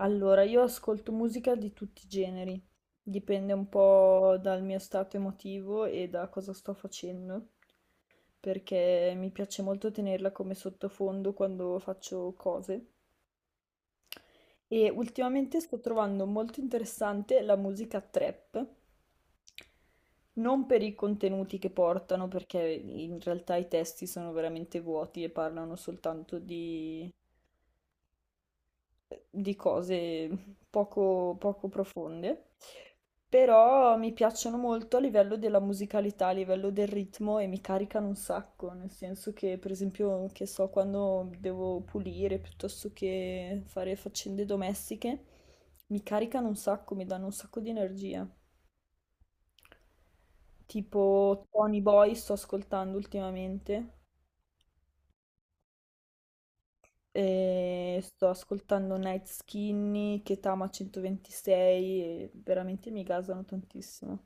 Allora, io ascolto musica di tutti i generi, dipende un po' dal mio stato emotivo e da cosa sto facendo, perché mi piace molto tenerla come sottofondo quando faccio cose. E ultimamente sto trovando molto interessante la musica trap, non per i contenuti che portano, perché in realtà i testi sono veramente vuoti e parlano soltanto di cose poco profonde, però mi piacciono molto a livello della musicalità, a livello del ritmo e mi caricano un sacco, nel senso che per esempio, che so, quando devo pulire piuttosto che fare faccende domestiche, mi caricano un sacco, mi danno un sacco di energia. Tipo Tony Boy sto ascoltando ultimamente. E sto ascoltando Night Skinny, Ketama 126, e veramente mi gasano tantissimo.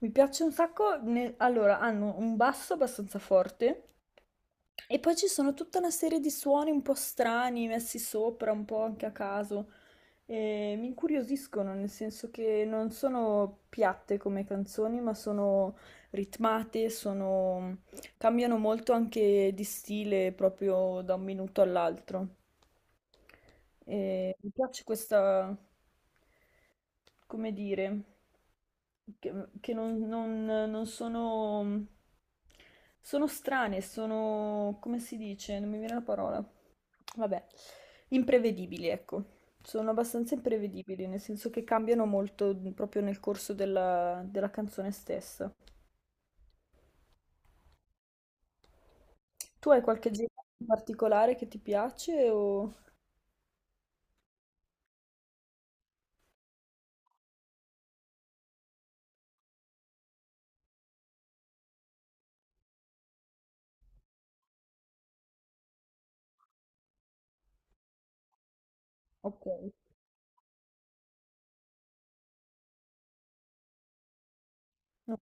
Mi piace un sacco, allora hanno un basso abbastanza forte e poi ci sono tutta una serie di suoni un po' strani messi sopra, un po' anche a caso. E mi incuriosiscono, nel senso che non sono piatte come canzoni, ma sono ritmate, sono cambiano molto anche di stile proprio da un minuto all'altro. E mi piace questa, come dire, che non, non- non sono, sono strane, sono, come si dice? Non mi viene la parola. Vabbè, imprevedibili, ecco. Sono abbastanza imprevedibili, nel senso che cambiano molto proprio nel corso della canzone stessa. Tu hai qualche genere in particolare che ti piace o ok, no,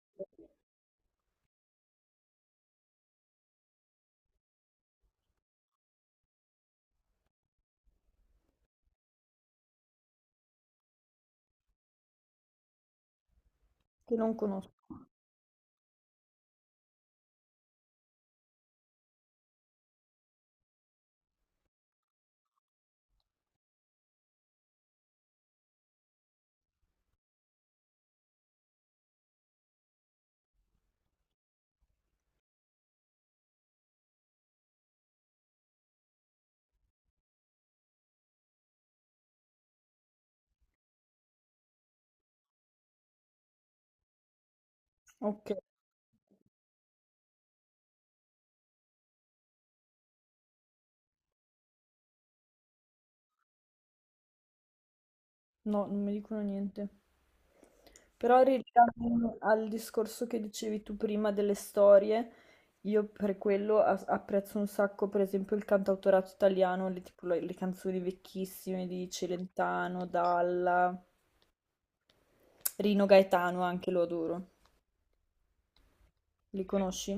che non conosco. Ok. No, non mi dicono niente. Però in realtà al discorso che dicevi tu prima delle storie, io per quello apprezzo un sacco, per esempio, il cantautorato italiano, le, tipo le canzoni vecchissime di Celentano, Dalla, Rino Gaetano, anche lo adoro. Li conosci?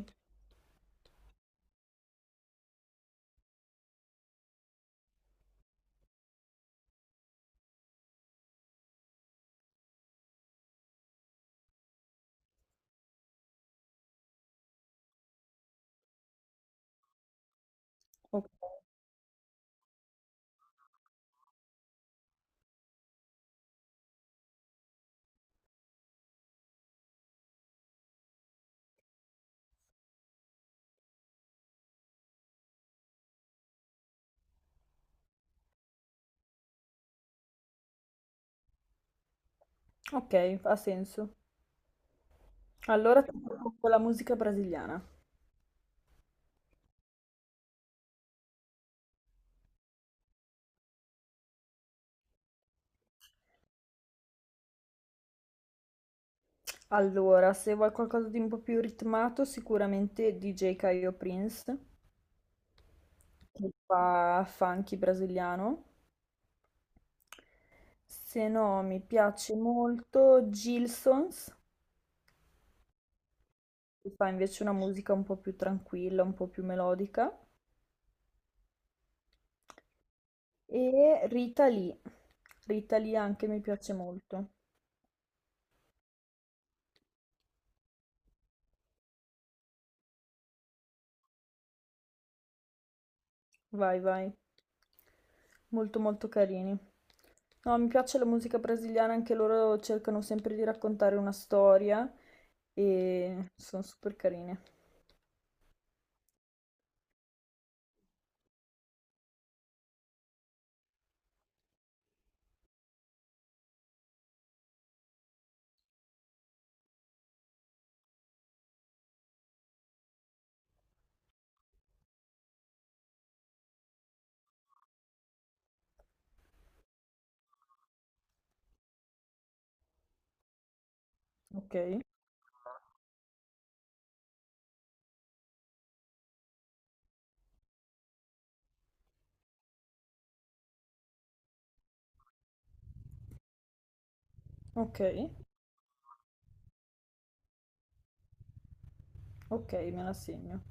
Ok, ok, ha senso. Allora ti propongo la musica brasiliana. Allora, se vuoi qualcosa di un po' più ritmato, sicuramente DJ Caio Prince, che fa funky brasiliano. Se no, mi piace molto Gilsons, che fa invece una musica un po' più tranquilla, un po' più melodica. E Rita Lee. Rita Lee anche mi piace molto. Vai, vai. Molto, molto carini. No, mi piace la musica brasiliana, anche loro cercano sempre di raccontare una storia e sono super carine. Ok, ok, ok, me la segno.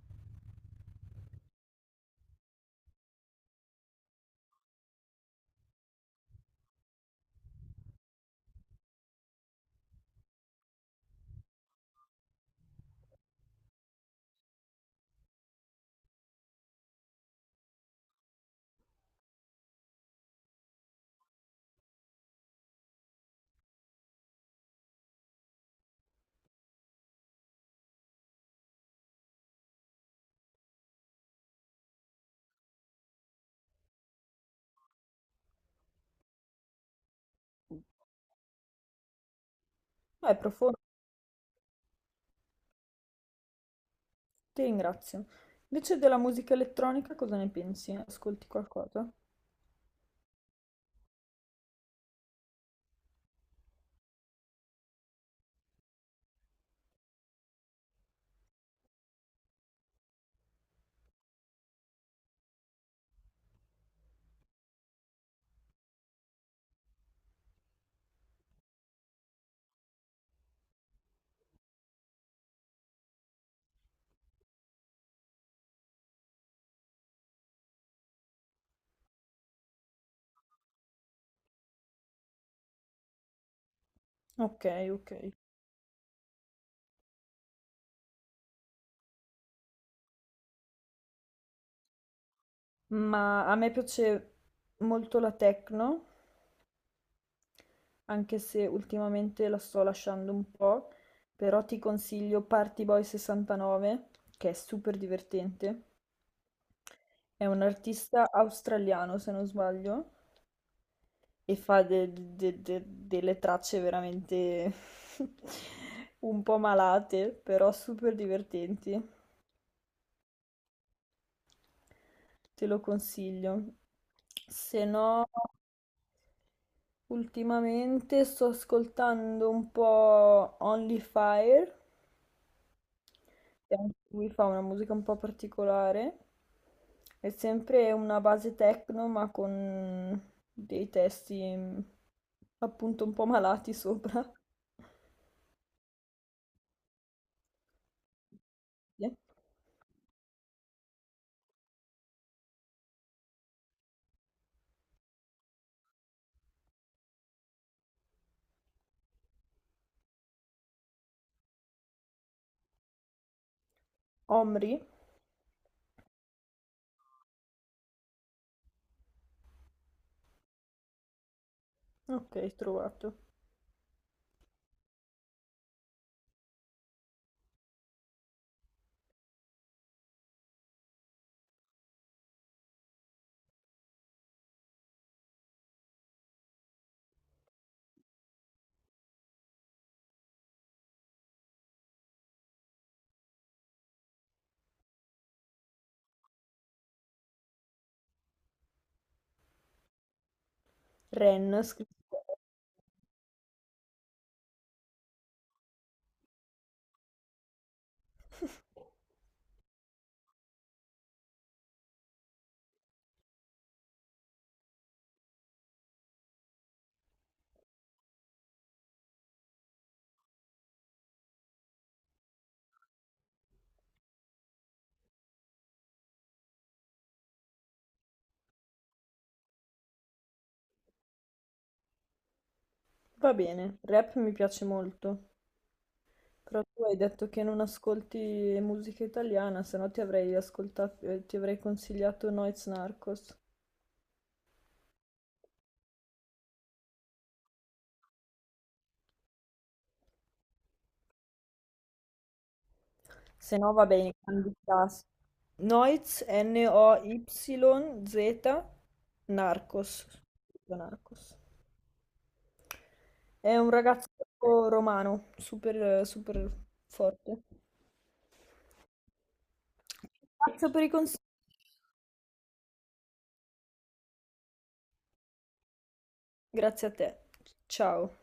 È profondo, ti ringrazio. Invece della musica elettronica cosa ne pensi? Ascolti qualcosa? Ok, ok. Ma a me piace molto la techno, anche se ultimamente la sto lasciando un po', però ti consiglio Party Boy 69, che è super divertente. È un artista australiano, se non sbaglio, e fa delle tracce veramente un po' malate, però super divertenti. Te lo consiglio. Se no, ultimamente sto ascoltando un po' Only Fire, che anche lui fa una musica un po' particolare. È sempre una base techno, ma con dei testi appunto un po' malati sopra. Sì. Omri, ok, trovato. Ren, scritto. Va bene, rap mi piace molto. Però tu hai detto che non ascolti musica italiana, se no ti avrei ascoltato, ti avrei consigliato Noiz Narcos. Se no va bene, grandi classici. Noiz, NOYZ, Narcos. Scritto Narcos. È un ragazzo romano, super, super forte. Grazie per i consigli. Grazie a te. Ciao.